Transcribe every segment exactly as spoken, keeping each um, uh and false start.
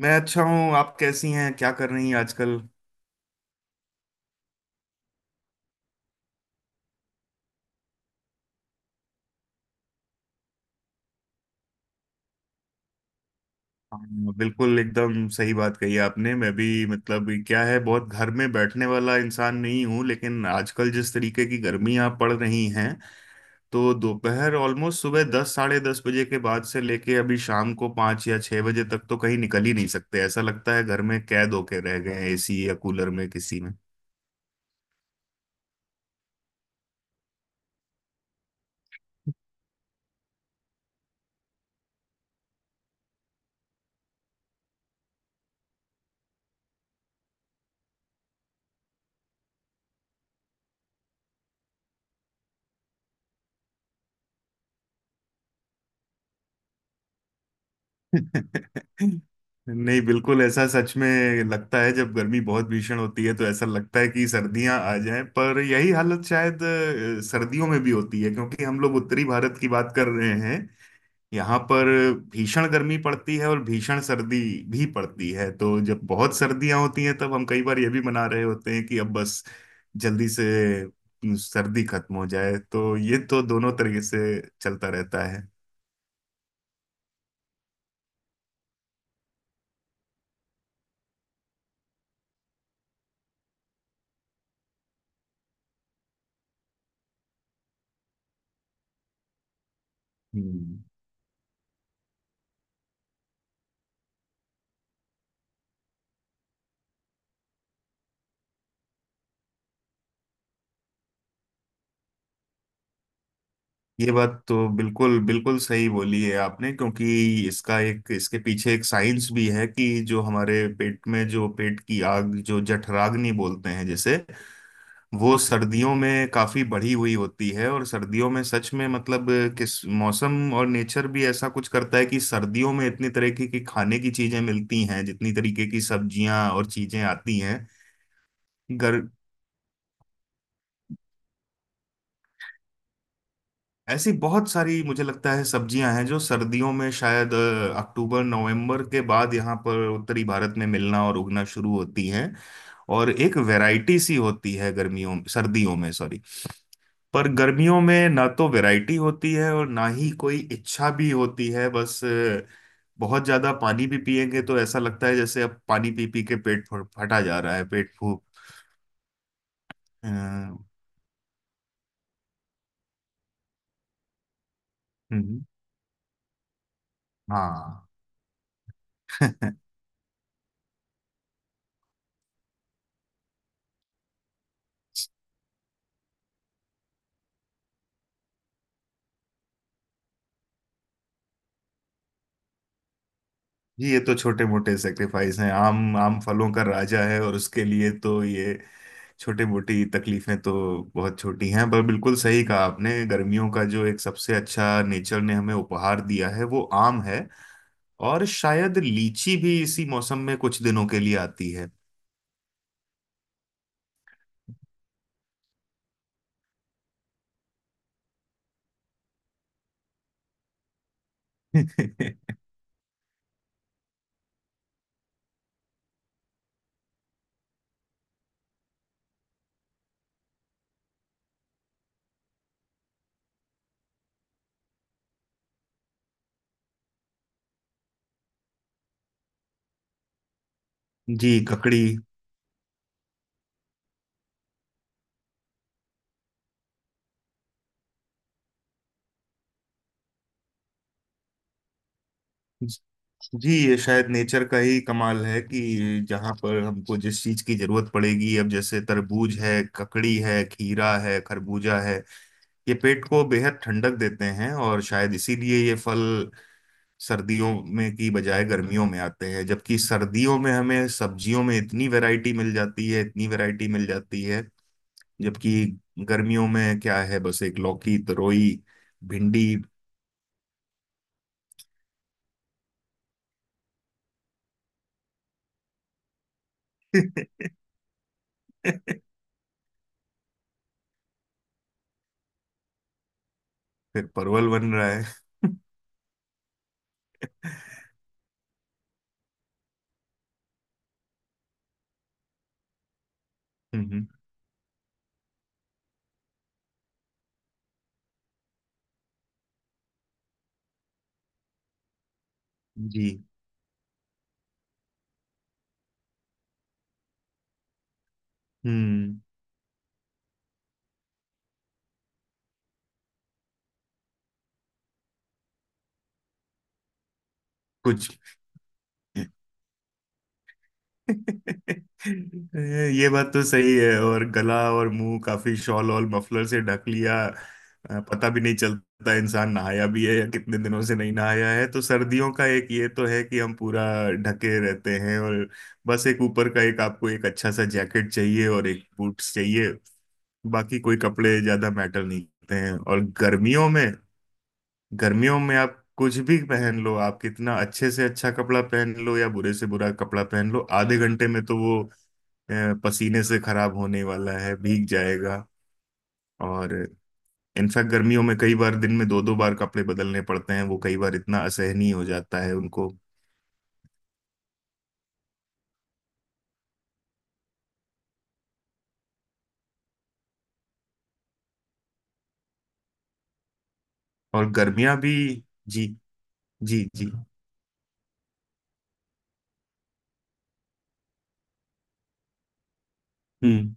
मैं अच्छा हूँ, आप कैसी हैं, क्या कर रही हैं आजकल? हाँ, बिल्कुल एकदम सही बात कही आपने। मैं भी, मतलब क्या है, बहुत घर में बैठने वाला इंसान नहीं हूँ, लेकिन आजकल जिस तरीके की गर्मियाँ पड़ रही हैं, तो दोपहर ऑलमोस्ट सुबह दस साढ़े दस बजे के बाद से लेके अभी शाम को पाँच या छः बजे तक तो कहीं निकल ही नहीं सकते। ऐसा लगता है घर में कैद होके रह गए हैं, एसी या कूलर में, किसी में। नहीं, बिल्कुल ऐसा सच में लगता है। जब गर्मी बहुत भीषण होती है तो ऐसा लगता है कि सर्दियां आ जाएं, पर यही हालत शायद अ, सर्दियों में भी होती है, क्योंकि हम लोग उत्तरी भारत की बात कर रहे हैं। यहाँ पर भीषण गर्मी पड़ती है और भीषण सर्दी भी पड़ती है, तो जब बहुत सर्दियां होती हैं तब हम कई बार ये भी मना रहे होते हैं कि अब बस जल्दी से सर्दी खत्म हो जाए। तो ये तो दोनों तरीके से चलता रहता है। हम्म। ये बात तो बिल्कुल बिल्कुल सही बोली है आपने, क्योंकि इसका एक, इसके पीछे एक साइंस भी है कि जो हमारे पेट में जो पेट की आग जो जठराग्नि बोलते हैं, जैसे वो सर्दियों में काफी बढ़ी हुई होती है। और सर्दियों में सच में, मतलब किस मौसम और नेचर भी ऐसा कुछ करता है कि सर्दियों में इतनी तरह की की खाने की चीजें मिलती हैं, जितनी तरीके की सब्जियां और चीजें आती हैं। गर, ऐसी बहुत सारी, मुझे लगता है, सब्जियां हैं जो सर्दियों में शायद अ, अक्टूबर नवंबर के बाद यहाँ पर उत्तरी भारत में मिलना और उगना शुरू होती हैं, और एक वैरायटी सी होती है गर्मियों, सर्दियों में, सॉरी। पर गर्मियों में ना तो वैरायटी होती है और ना ही कोई इच्छा भी होती है। बस अ, बहुत ज्यादा पानी भी पिएंगे तो ऐसा लगता है जैसे अब पानी पी पी के पेट फ- फटा जा रहा है, पेट फूक। अ, हम्म। हाँ। जी, ये तो छोटे मोटे सेक्रीफाइस हैं। आम, आम फलों का राजा है, और उसके लिए तो ये छोटे मोटी तकलीफें तो बहुत छोटी हैं। पर बिल्कुल सही कहा आपने, गर्मियों का जो एक सबसे अच्छा नेचर ने हमें उपहार दिया है वो आम है, और शायद लीची भी इसी मौसम में कुछ दिनों के लिए आती है। जी, ककड़ी। जी, ये शायद नेचर का ही कमाल है कि जहाँ पर हमको जिस चीज की जरूरत पड़ेगी, अब जैसे तरबूज है, ककड़ी है, खीरा है, खरबूजा है, ये पेट को बेहद ठंडक देते हैं, और शायद इसीलिए ये फल सर्दियों में की बजाय गर्मियों में आते हैं। जबकि सर्दियों में हमें सब्जियों में इतनी वैरायटी मिल जाती है, इतनी वैरायटी मिल जाती है, जबकि गर्मियों में क्या है? बस एक लौकी, तरोई, भिंडी। फिर परवल बन रहा है। हम्म। जी। हम्म। कुछ। ये बात तो सही है, और गला और मुंह काफी शॉल और मफलर से ढक लिया, अ, पता भी नहीं चलता इंसान नहाया भी है या कितने दिनों से नहीं नहाया है। तो सर्दियों का एक ये तो है कि हम पूरा ढके रहते हैं, और बस एक ऊपर का, एक आपको एक अच्छा सा जैकेट चाहिए और एक बूट्स चाहिए, बाकी कोई कपड़े ज्यादा मैटर नहीं करते हैं। और गर्मियों में, गर्मियों में आप कुछ भी पहन लो, आप कितना अच्छे से अच्छा कपड़ा पहन लो या बुरे से बुरा कपड़ा पहन लो, आधे घंटे में तो वो अ, पसीने से खराब होने वाला है, भीग जाएगा। और इनफैक्ट गर्मियों में कई बार दिन में दो दो बार कपड़े बदलने पड़ते हैं, वो कई बार इतना असहनीय हो जाता है उनको। और गर्मियां भी। जी। जी। जी। हम्म।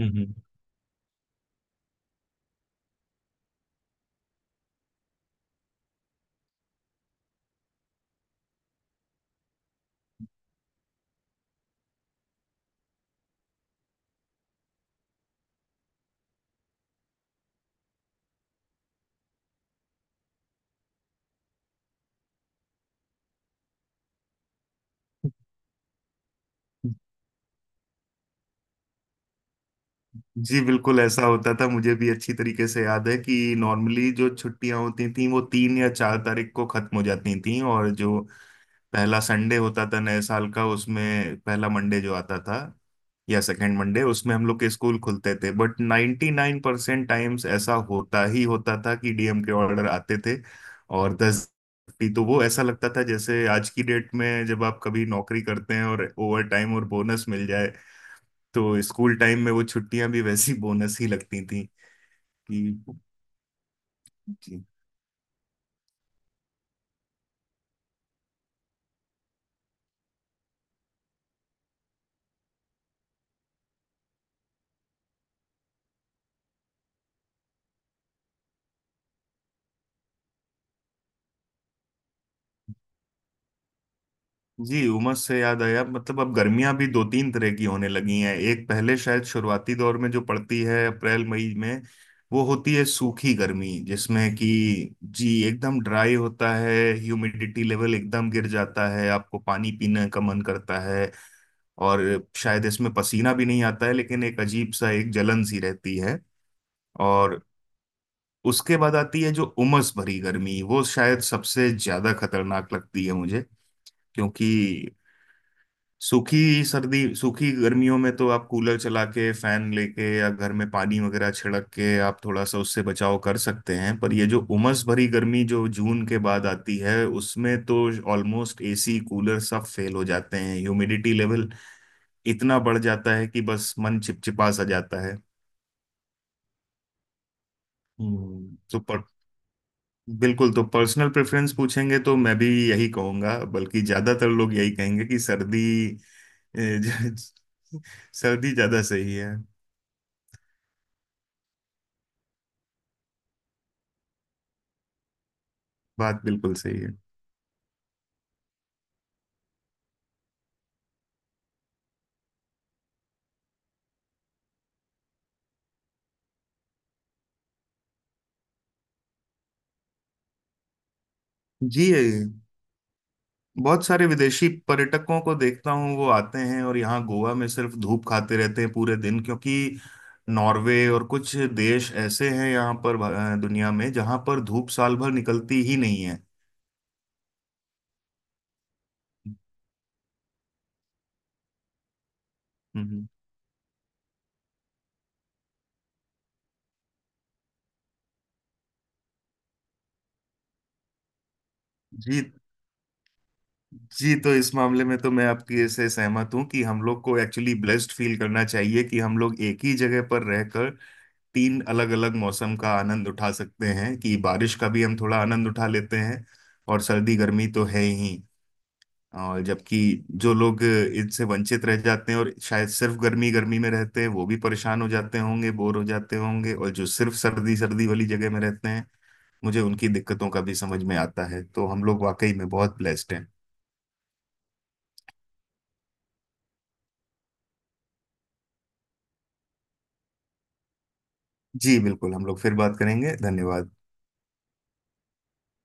हम्म। हम्म। जी, बिल्कुल ऐसा होता था, मुझे भी अच्छी तरीके से याद है कि नॉर्मली जो छुट्टियां होती थी वो तीन या चार तारीख को खत्म हो जाती थी, और जो पहला संडे होता था नए साल का, उसमें पहला मंडे जो आता था या सेकंड मंडे, उसमें हम लोग के स्कूल खुलते थे, बट 99% परसेंट टाइम्स ऐसा होता ही होता था कि डीएम के ऑर्डर आते थे, और दस, तो वो ऐसा लगता था जैसे आज की डेट में जब आप कभी नौकरी करते हैं और ओवर टाइम और बोनस मिल जाए, तो स्कूल टाइम में वो छुट्टियां भी वैसी बोनस ही लगती थी, कि। जी। जी, उमस से याद आया, मतलब अब गर्मियां भी दो तीन तरह की होने लगी हैं। एक पहले शायद शुरुआती दौर में जो पड़ती है अप्रैल मई में, वो होती है सूखी गर्मी, जिसमें कि। जी एकदम ड्राई होता है। ह्यूमिडिटी लेवल एकदम गिर जाता है, आपको पानी पीने का मन करता है, और शायद इसमें पसीना भी नहीं आता है, लेकिन एक अजीब सा एक जलन सी रहती है। और उसके बाद आती है जो उमस भरी गर्मी, वो शायद सबसे ज्यादा खतरनाक लगती है मुझे, क्योंकि सूखी सर्दी, सूखी गर्मियों में तो आप कूलर चला के फैन लेके या घर में पानी वगैरह छिड़क के आप थोड़ा सा उससे बचाव कर सकते हैं, पर ये जो उमस भरी गर्मी जो जून के बाद आती है, उसमें तो ऑलमोस्ट एसी कूलर सब फेल हो जाते हैं, ह्यूमिडिटी लेवल इतना बढ़ जाता है कि बस मन चिपचिपा सा जाता है। हम्म तो पर, बिल्कुल, तो पर्सनल प्रेफरेंस पूछेंगे तो मैं भी यही कहूंगा, बल्कि ज्यादातर लोग यही कहेंगे कि सर्दी, ए, ज- सर्दी ज्यादा सही है। बात बिल्कुल सही है। जी, ये बहुत सारे विदेशी पर्यटकों को देखता हूँ, वो आते हैं और यहाँ गोवा में सिर्फ धूप खाते रहते हैं पूरे दिन, क्योंकि नॉर्वे और कुछ देश ऐसे हैं यहाँ पर अ, दुनिया में, जहाँ पर धूप साल भर निकलती ही नहीं है। हम्म। जी। जी, तो इस मामले में तो मैं आपकी से सहमत हूँ कि हम लोग को एक्चुअली ब्लेस्ड फील करना चाहिए कि हम लोग एक ही जगह पर रहकर तीन अलग अलग मौसम का आनंद उठा सकते हैं, कि बारिश का भी हम थोड़ा आनंद उठा लेते हैं और सर्दी गर्मी तो है ही, और जबकि जो लोग इनसे वंचित रह जाते हैं और शायद सिर्फ गर्मी गर्मी में रहते हैं वो भी परेशान हो जाते होंगे, बोर हो जाते होंगे, और जो सिर्फ सर्दी सर्दी वाली जगह में रहते हैं, मुझे उनकी दिक्कतों का भी समझ में आता है, तो हम लोग वाकई में बहुत ब्लेस्ड हैं। जी, बिल्कुल, हम लोग फिर बात करेंगे, धन्यवाद।